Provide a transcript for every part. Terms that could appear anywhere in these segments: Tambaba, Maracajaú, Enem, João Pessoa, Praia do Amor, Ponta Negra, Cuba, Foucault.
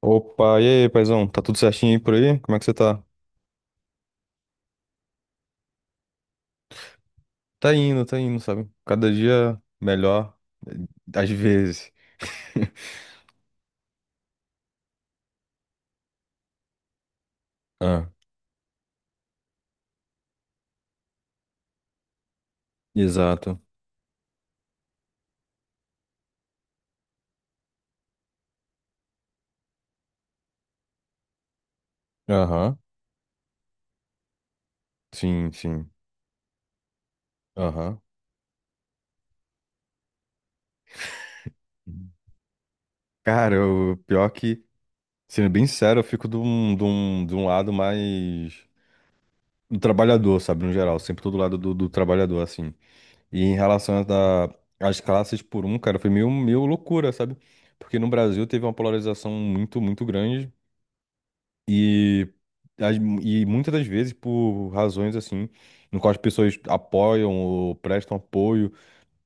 Opa, e aí, paizão? Tá tudo certinho aí por aí? Como é que você tá? Tá indo, sabe? Cada dia melhor, eh, às vezes. Ah, exato. Aham. Sim, sim. Aham. Cara, o pior que, sendo bem sério, eu fico de um lado mais do trabalhador, sabe, no geral. Sempre todo lado do trabalhador, assim. E em relação às classes por um, cara, foi meio, meio loucura, sabe? Porque no Brasil teve uma polarização muito, muito grande. E, as- e muitas das vezes por razões assim, no qual as pessoas apoiam ou prestam apoio,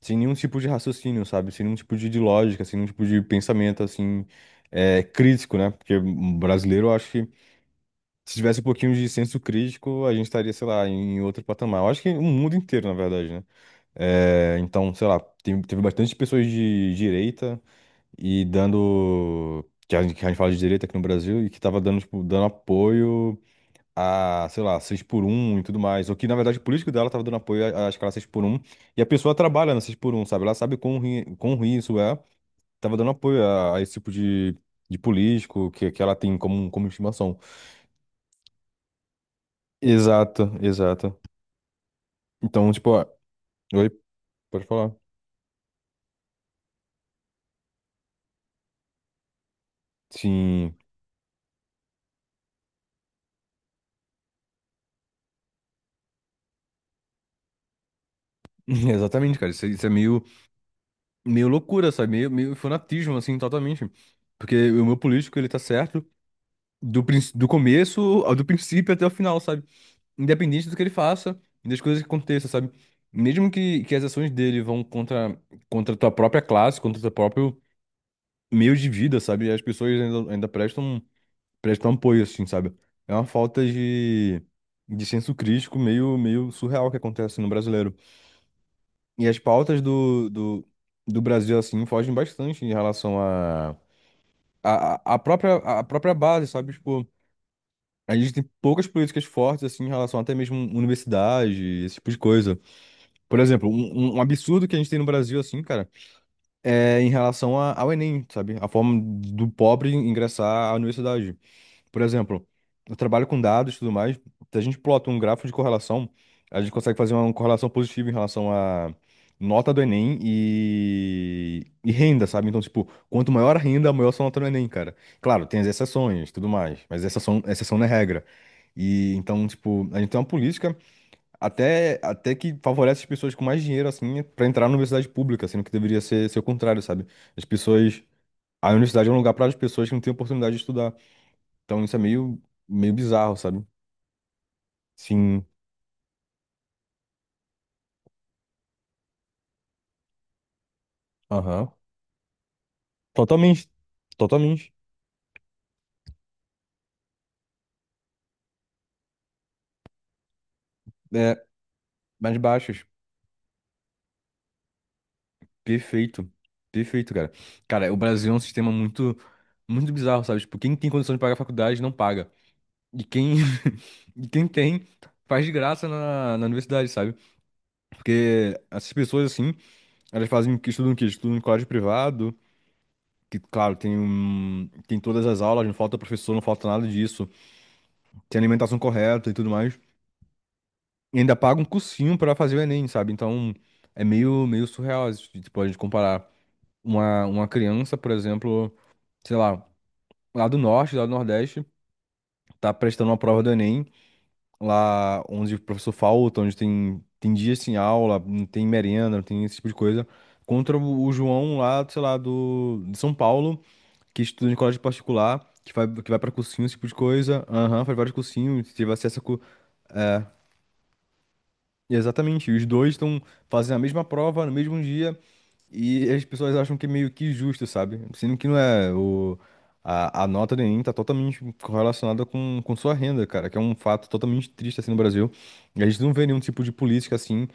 sem nenhum tipo de raciocínio, sabe? Sem nenhum tipo de lógica, sem nenhum tipo de pensamento assim, é, crítico, né? Porque um brasileiro, eu acho que se tivesse um pouquinho de senso crítico, a gente estaria, sei lá, em outro patamar. Eu acho que o mundo inteiro, na verdade, né? É, então, sei lá, teve bastante pessoas de direita e dando. Que a gente fala de direita aqui no Brasil e que tava dando, tipo, dando apoio a, sei lá, 6x1 e tudo mais. Ou que, na verdade, o político dela tava dando apoio à escala 6x1. E a pessoa trabalha na 6x1, sabe? Ela sabe quão ruim isso é. Tava dando apoio a esse tipo de político que ela tem como estimação. Exato, exato. Então, tipo, ó, oi, pode falar. Sim. Exatamente, cara. Isso é meio, meio loucura, sabe? Meio, meio fanatismo, assim, totalmente. Porque o meu político, ele tá certo do começo, do princípio até o final, sabe? Independente do que ele faça e das coisas que aconteçam, sabe? Mesmo que as ações dele vão contra, a tua própria classe, contra o teu próprio meio de vida, sabe? As pessoas ainda prestam, apoio, assim, sabe? É uma falta de senso crítico meio, meio surreal que acontece no brasileiro. E as pautas do Brasil, assim, fogem bastante em relação à a própria base, sabe? Tipo, a gente tem poucas políticas fortes, assim, em relação até mesmo universidade, esse tipo de coisa. Por exemplo, um um absurdo que a gente tem no Brasil, assim, cara, é em relação ao Enem, sabe? A forma do pobre ingressar à universidade. Por exemplo, eu trabalho com dados e tudo mais. Se a gente plota um gráfico de correlação, a gente consegue fazer uma correlação positiva em relação à nota do Enem e renda, sabe? Então, tipo, quanto maior a renda, maior sua nota no Enem, cara. Claro, tem as exceções e tudo mais, mas exceção, exceção não é regra. E então, tipo, a gente tem uma política. Até, até que favorece as pessoas com mais dinheiro, assim, pra entrar na universidade pública, sendo que deveria ser o contrário, sabe? As pessoas. A universidade é um lugar para as pessoas que não têm oportunidade de estudar. Então isso é meio, meio bizarro, sabe? Sim. Aham. Totalmente. Totalmente. É, mais baixos. Perfeito. Perfeito, cara. Cara, o Brasil é um sistema muito, muito bizarro, sabe? Tipo, quem tem condição de pagar a faculdade não paga. E quem, e quem tem, faz de graça na universidade, sabe? Porque essas pessoas, assim. Elas fazem o que estudam o quê? Estudam em colégio privado, que, claro, tem todas as aulas, não falta professor, não falta nada disso. Tem alimentação correta e tudo mais. E ainda paga um cursinho pra fazer o Enem, sabe? Então, é meio, meio surreal, isso, tipo, a gente comparar uma criança, por exemplo, sei lá, lá do norte, lá do nordeste, tá prestando uma prova do Enem, lá onde o professor falta, onde tem dias sem aula, não tem merenda, não tem esse tipo de coisa, contra o João lá, sei lá, do, de São Paulo que estuda em colégio particular, que vai pra cursinho, esse tipo de coisa. Aham, faz vários cursinhos, teve acesso a. É, exatamente. Os dois estão fazendo a mesma prova no mesmo dia, e as pessoas acham que é meio que justo, sabe? Sendo que não é. A nota do Enem tá totalmente correlacionada com sua renda, cara, que é um fato totalmente triste assim no Brasil. E a gente não vê nenhum tipo de política assim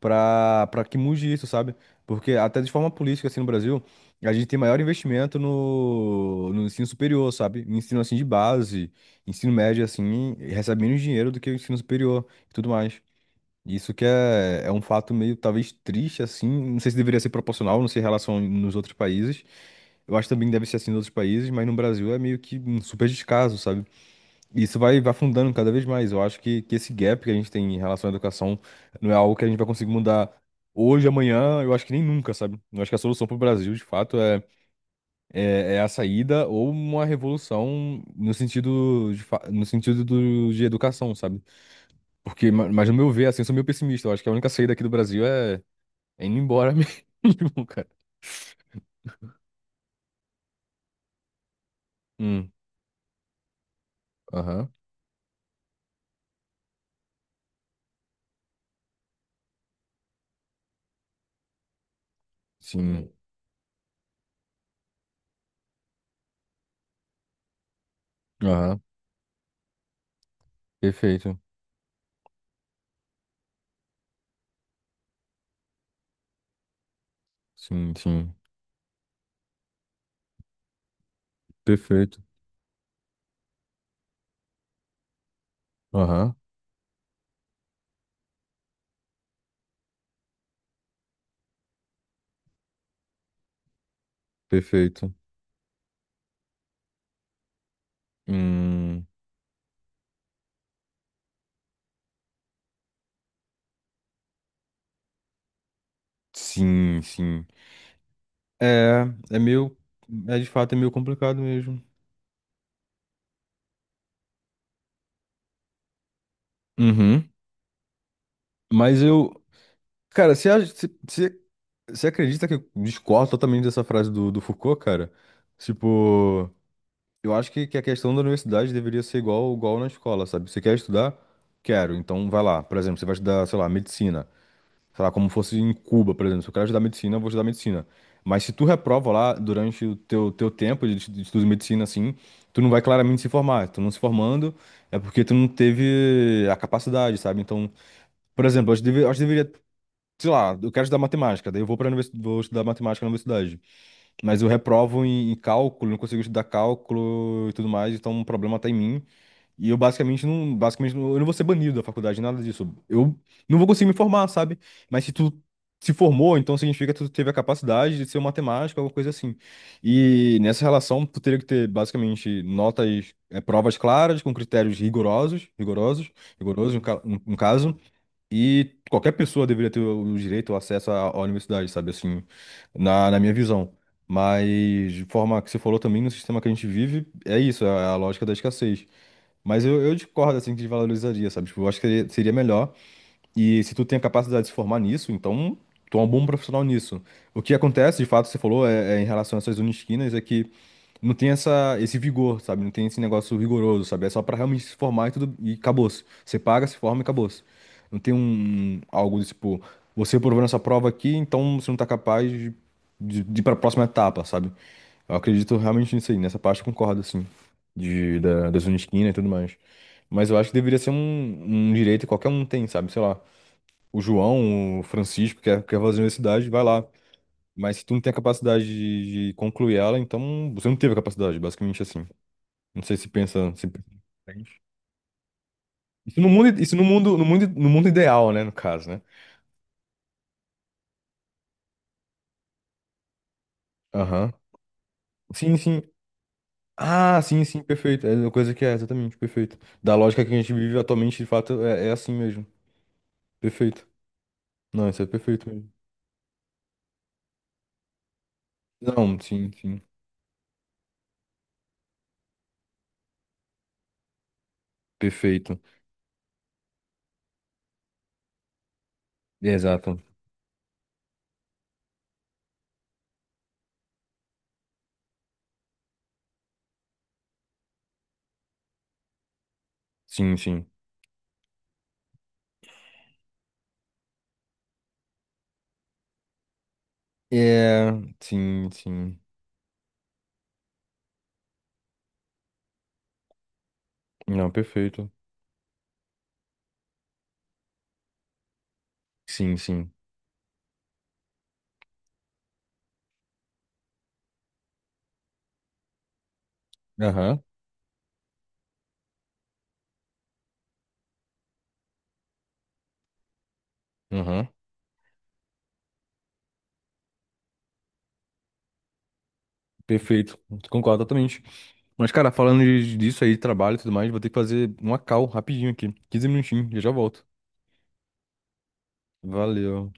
pra que mude isso, sabe? Porque até de forma política assim no Brasil, a gente tem maior investimento no ensino superior, sabe? No ensino assim de base, ensino médio assim, e recebe menos dinheiro do que o ensino superior e tudo mais. Isso que é, é um fato meio, talvez, triste, assim. Não sei se deveria ser proporcional, não sei em relação nos outros países. Eu acho também que deve ser assim nos outros países, mas no Brasil é meio que um super descaso, sabe? E isso vai, vai afundando cada vez mais. Eu acho que esse gap que a gente tem em relação à educação não é algo que a gente vai conseguir mudar hoje, amanhã, eu acho que nem nunca, sabe? Eu acho que a solução para o Brasil, de fato, é a saída ou uma revolução no sentido, no sentido de educação, sabe? Porque, mas no meu ver, assim, eu sou meio pessimista. Eu acho que a única saída aqui do Brasil é indo embora mesmo, cara. Hum, aham, sim, aham, perfeito. Sim, sim, perfeito. Aham, perfeito. Hum, sim, sim. É, é meio, é de fato, é meio complicado mesmo. Uhum. Mas eu, cara, você acha- você você- você acredita que eu discordo totalmente dessa frase do Foucault, cara? Tipo, eu acho que a questão da universidade deveria ser igual, igual na escola, sabe? Você quer estudar? Quero, então vai lá. Por exemplo, você vai estudar, sei lá, medicina. Sei lá, como fosse em Cuba, por exemplo. Se eu quero estudar medicina, eu vou estudar medicina. Mas se tu reprova lá durante o teu, teu tempo de, de estudo de medicina, assim, tu não vai claramente se formar. Tu não se formando é porque tu não teve a capacidade, sabe? Então, por exemplo, eu acho que deveria, sei lá, eu quero estudar matemática, daí eu vou estudar matemática na universidade. Mas eu reprovo em cálculo, não consigo estudar cálculo e tudo mais, então um problema tá em mim. E eu basicamente não- eu não vou ser banido da faculdade, nada disso. Eu não vou conseguir me formar, sabe? Mas se tu se formou, então significa que tu teve a capacidade de ser um matemático, alguma coisa assim. E nessa relação, tu teria que ter basicamente notas, provas claras, com critérios rigorosos, rigorosos, rigorosos no caso. E qualquer pessoa deveria ter o direito ao acesso à universidade, sabe? Assim, na minha visão. Mas, de forma que você falou também, no sistema que a gente vive, é isso, é a lógica da escassez. Mas eu discordo, assim, que desvalorizaria, sabe? Tipo, eu acho que seria melhor. E se tu tem a capacidade de se formar nisso, então tu é um bom profissional nisso. O que acontece, de fato, você falou, é em relação a essas unisquinas, é que não tem essa, esse vigor, sabe? Não tem esse negócio rigoroso, sabe? É só pra realmente se formar e tudo, e acabou-se. Você paga, se forma e acabou-se. Não tem um, algo desse tipo, você aprovou nessa prova aqui, então você não tá capaz de, de ir pra próxima etapa, sabe? Eu acredito realmente nisso aí, nessa parte eu concordo, assim, das Unisquina e tudo mais. Mas eu acho que deveria ser um, um direito que qualquer um tem, sabe? Sei lá, o João, o Francisco, quer fazer a universidade, vai lá. Mas se tu não tem a capacidade de concluir ela, então você não teve a capacidade, basicamente assim. Não sei se pensa diferente. Isso no mundo ideal, né, no caso, né? Aham. Sim, sim. Ah, sim, sim, perfeito. É uma coisa que é, exatamente, perfeito. Da lógica que a gente vive atualmente, de fato, é, é assim mesmo. Perfeito. Não, isso é perfeito mesmo. Não, sim, sim. Perfeito. Exato. Sim, sim. É, sim, sim. Não, perfeito. Sim, sim. Aham, aham. Perfeito. Concordo totalmente. Mas, cara, falando disso aí, trabalho e tudo mais, vou ter que fazer uma call rapidinho aqui. 15 minutinhos, eu já volto. Valeu.